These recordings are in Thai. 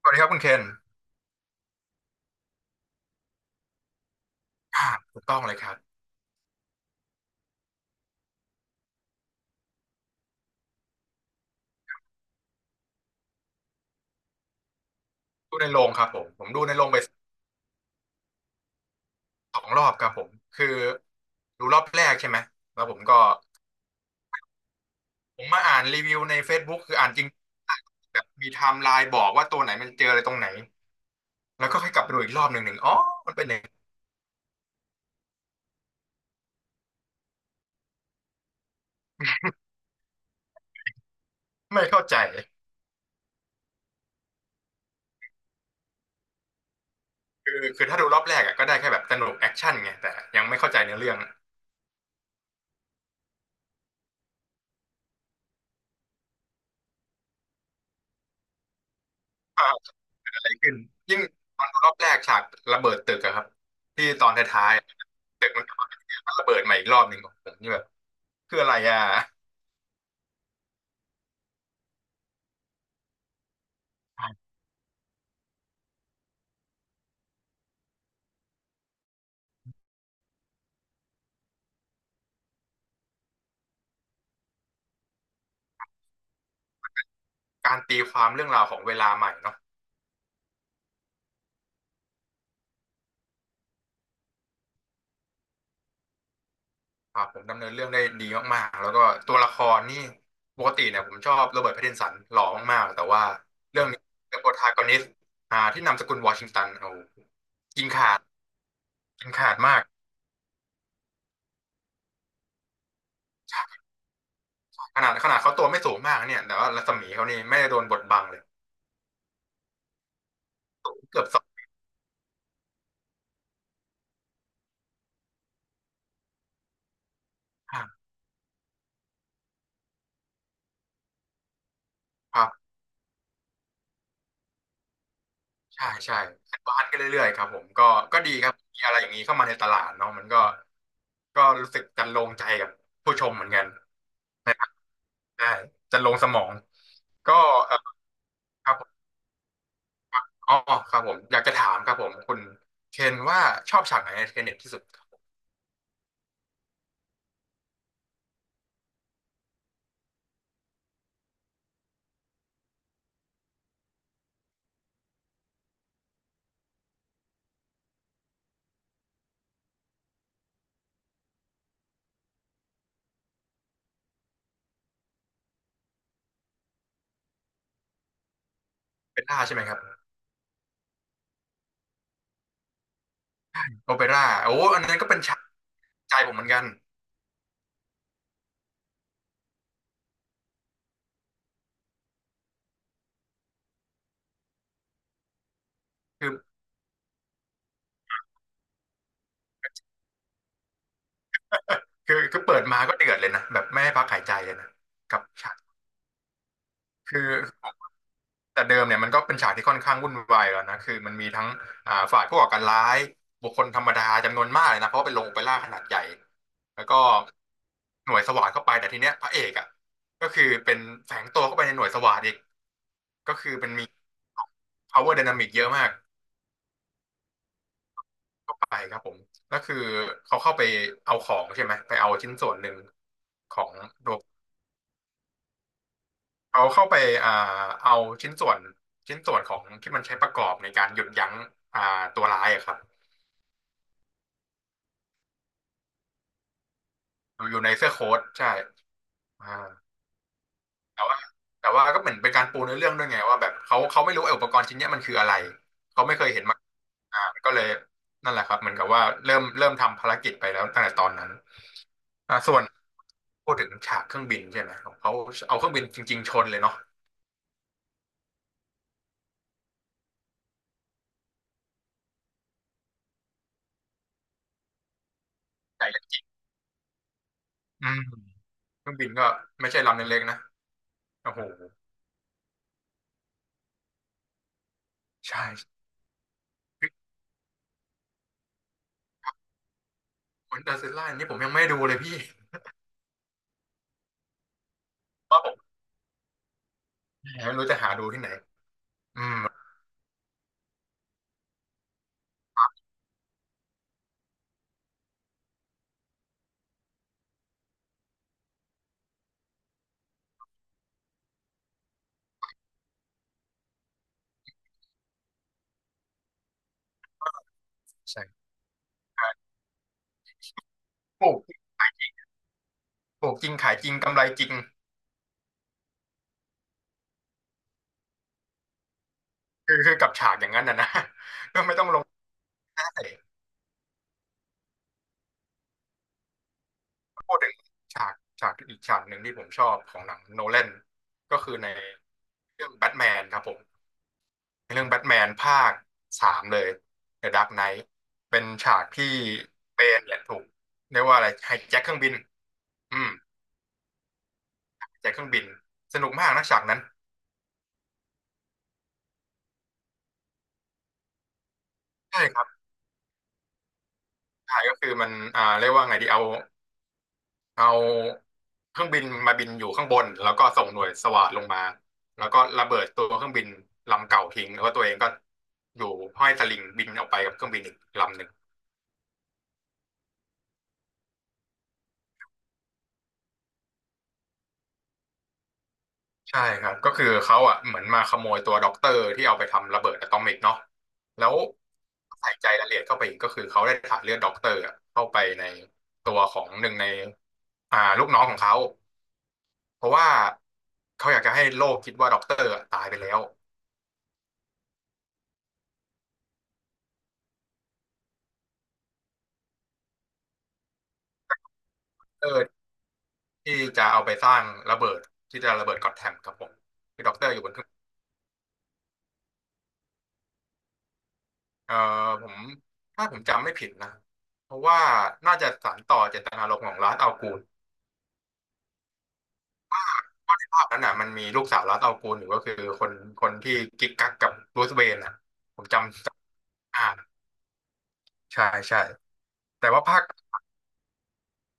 สวัสดีครับคุณเคนอ่าถูกต้องเลยครับดูในโรงครับผมดูในโรงไปสองรอบครับผมคือดูรอบแรกใช่ไหมแล้วผมก็ผมมาอ่านรีวิวใน Facebook คืออ่านจริงแบบมีไทม์ไลน์บอกว่าตัวไหนมันเจออะไรตรงไหนแล้วก็ค่อยกลับไปดูอีกรอบหนึ่งอ๋อมันเป็นอย่างนี้ไม่เข้าใจคือถ้าดูรอบแรกอะก็ได้แค่แบบสนุกแอคชั่นไงแต่ยังไม่เข้าใจเนื้อเรื่องว่าเกิดอะไรขึ้นยิ่งตอนดูรอบแรกฉากระเบิดตึกอะครับที่ตอนท้ายๆอะมันระเบิดมาอีกรอบหนึ่งผมนี่แบบคืออะไรอะ การตีความเรื่องราวของเวลาใหม่เนาะครับผมดำเนินเรื่องได้ดีมากๆแล้วก็ตัวละครนี่ปกติเนี่ยผมชอบโรเบิร์ตแพตตินสันหล่อมากๆแต่ว่าเรื่องนี้เป็นโปรทากอนิสต์ที่นามสกุลวอชิงตันโอ้โหกินขาดกินขาดมากขนาดเขาตัวไม่สูงมากเนี่ยแต่ว่ารัศมีเขานี่ไม่ได้โดนบดบังเลยเกือบสองข้างครับใช่ใช่บานกันเรื่อยๆครับผมก็ก็ดีครับมีอะไรอย่างนี้เข้ามาในตลาดเนาะมันก็ก็รู้สึกจันโลงใจกับผู้ชมเหมือนกันใน ใช่จะลงสมองก็เออครับผมอ๋อครับผมอยากจะถามครับผมคุณเคนว่าชอบฉากไหนในเทเน็ตที่สุดโอเปร่าใช่ไหมครับโอเปร่าโอ้อันนั้นก็เป็นฉากใจผมเหมือนกันคือคือเปิดมาก็เดือดเลยนะแบบไม่ให้พักหายใจเลยนะกับฉากคือ แต่เดิมเนี่ยมันก็เป็นฉากที่ค่อนข้างวุ่นวายแล้วนะคือมันมีทั้งฝ่ายผู้ก่อการร้ายบุคคลธรรมดาจำนวนมากเลยนะเพราะว่าเป็นโรงโอเปร่าขนาดใหญ่แล้วก็หน่วยสวาทเข้าไปแต่ทีเนี้ยพระเอกอ่ะก็คือเป็นแฝงตัวเข้าไปในหน่วยสวาทอีกก็คือเป็นมี power dynamic เยอะมากไปครับผมก็คือเขาเข้าไปเอาของใช่ไหมไปเอาชิ้นส่วนหนึ่งของดวงเขาเข้าไปอ่าเอาชิ้นส่วนของที่มันใช้ประกอบในการหยุดยั้งอ่าตัวร้ายอะครับ อยู่ในเสื้อโค้ทใช่อ่าแต่ว่าก็เหมือนเป็นการปูเนื้อเรื่องด้วยไงว่าแบบเขาไม่รู้ไอ้อุปกรณ์ชิ้นเนี้ยมันคืออะไรเขาไม่เคยเห็นมาอ่าก็เลยนั่นแหละครับเหมือนกับว่าเริ่มทำภารกิจไปแล้วตั้งแต่ตอนนั้นอ่าส่วนพูดถึงฉากเครื่องบินใช่ไหมของเขาเอาเครื่องบินจริงๆชนเลยเนาะใหญ่เลยอืมเครื่องบินก็ไม่ใช่ลำเล็กๆนะโอ้โหใช่คนเดอร์ซิลล่านี่ผมยังไม่ดูเลยพี่ว่าผมไม่รู้จะหาดูที่ไหนอืมใช่ปลูกปลูกจริงขายจริงกำไรจริง คือคือกับฉากอย่างนั้นนะนะ ก็ไม่ต้องลงได้พูดถึงฉากฉากอีกฉากหนึ่งที่ผมชอบของหนังโนแลนก็คือในเรื่องแบทแมนครับผมในเรื่องแบทแมนภาคสามเลย The Dark Knight เป็นฉากที่เบนเนี่ยถูกเรียกว่าอะไรไฮแจ็คเครื่องบินอืมแจ็คเครื่องบินสนุกมากนะฉากนั้นใช่ครับใช่ก็คือมันอ่าเรียกว่าไงดีเอาเครื่องบินมาบินอยู่ข้างบนแล้วก็ส่งหน่วยสวาทลงมาแล้วก็ระเบิดตัวเครื่องบินลำเก่าทิ้งแล้วก็ตัวเองก็อยู่ห้อยสลิงบินออกไปกับเครื่องบินอีกลำหนึ่งใช่ครับก็คือเขาอ่ะเหมือนมาขโมยตัวด็อกเตอร์ที่เอาไปทำระเบิดอะตอมิกเนาะแล้วใส่ใจรายละเอียดเข้าไปอีกก็คือเขาได้ถ่ายเลือดด็อกเตอร์อะเข้าไปในตัวของหนึ่งในลูกน้องของเขาเพราะว่าเขาอยากจะให้โลกคิดว่าด็อกเตอร์อะตายไปแล้ว ที่จะเอาไปสร้างระเบิดที่จะระเบิดก็อตแทมครับผมคือด็อกเตอร์อยู่บนเครื่องเอ่อผมถ้าผมจำไม่ผิดนะเพราะว่าน่าจะสานต่อเจตนารมณ์ของลาสอัลกูลภาพนั้นน่ะมันมีลูกสาวลาสอัลกูลอยู่ก็คือคนคนที่กิ๊กกักกับรูสเวนนะผมจำอ่าใช่ใช่แต่ว่าภาค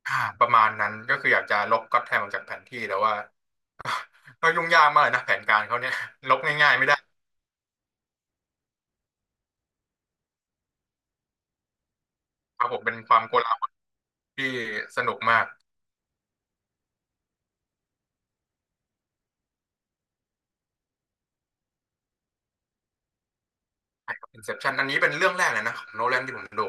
อ่าประมาณนั้นก็คืออยากจะลบก็อตแทมออกจากแผนที่แต่ว่า ก็ยุ่งยากมากเลยนะแผนการเขาเนี่ยลบง่ายๆไม่ได้ครับผมเป็นความโกลาหลที่สนุกมาก Inception อันนี้เป็นเรื่องแรกเลยนะของโนแลนที่ผมดู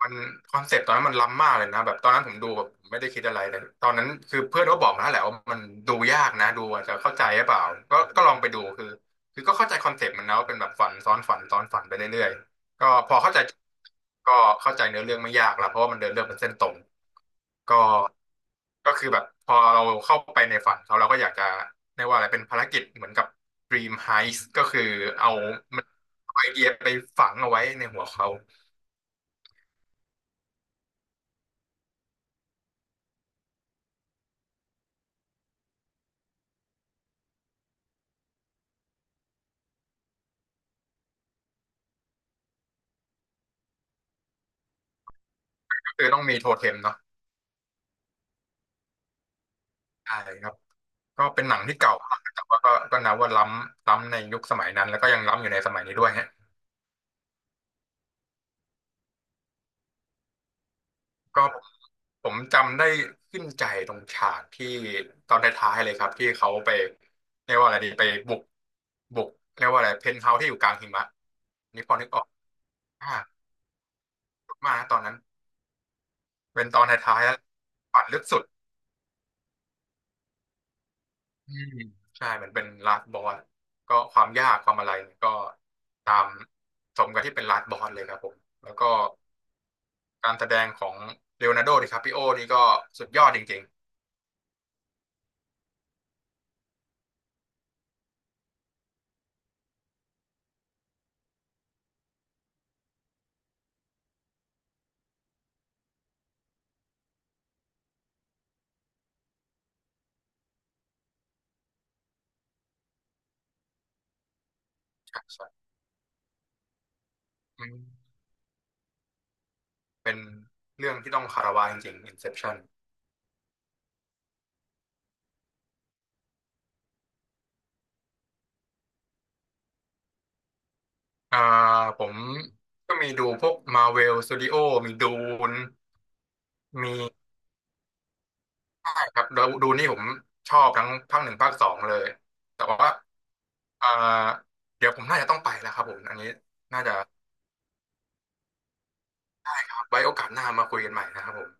มันคอนเซปต์ตอนนั้นมันล้ำมากเลยนะแบบตอนนั้นผมดูแบบไม่ได้คิดอะไรเลยตอนนั้นคือเพื่อนก็บอกนะแหละว่ามันดูยากนะดูอาจจะเข้าใจหรือเปล่าก็ลองไปดูคือก็เข้าใจคอนเซปต์มันนะว่าเป็นแบบฝันซ้อนฝันซ้อนฝันไปเรื่อยๆก็พอเข้าใจก็เข้าใจเนื้อเรื่องไม่ยากละเพราะว่ามันเดินเรื่องเป็นเส้นตรง ก็ก็คือแบบพอเราเข้าไปในฝันเขาเราก็อยากจะเรียกว่าอะไรเป็นภารกิจเหมือนกับ Dream Heist ก็คือเอามันเอาไอเดียไปฝังเอาไว้ในหัวเขาก็คือต้องมีโทเทมเนาะใช่ครับก็เป็นหนังที่เก่ามากแต่ว่าก็นับว่าล้ำในยุคสมัยนั้นแล้วก็ยังล้ำอยู่ในสมัยนี้ด้วยฮะก็ผมจำได้ขึ้นใจตรงฉากที่ตอนท้ายๆเลยครับที่เขาไปเรียกว่าอะไรดีไปบุกบุกเรียกว่าอะไรเพนท์เฮาส์ที่อยู่กลางหิมะนี่พอนึกออก พาดมากนะตอนนั้นเป็นตอนท้ายๆแล้วฝันลึกสุดอืมใช่เหมือนเป็นลาสบอสก็ความยากความอะไรเนี่ยก็ตามสมกับที่เป็นลาสบอสเลยครับผมแล้วก็การแสดงของเลโอนาร์โดดิคาปิโอนี่ก็สุดยอดจริงๆใช่ใช่อืมเป็นเรื่องที่ต้องคารวะจริงๆ Inception อ่าผมก็มีดูพวก Marvel Studio มีดูนมี ใช่ครับดูนี่ผมชอบทั้งภาคหนึ่งภาคสองเลยแต่ว่าอ่าเดี๋ยวผมน่าจะต้องไปแล้วครับผมอันนี้น่าจะไว้โอกาสหน้ามาคุยกันใหม่นะครับผม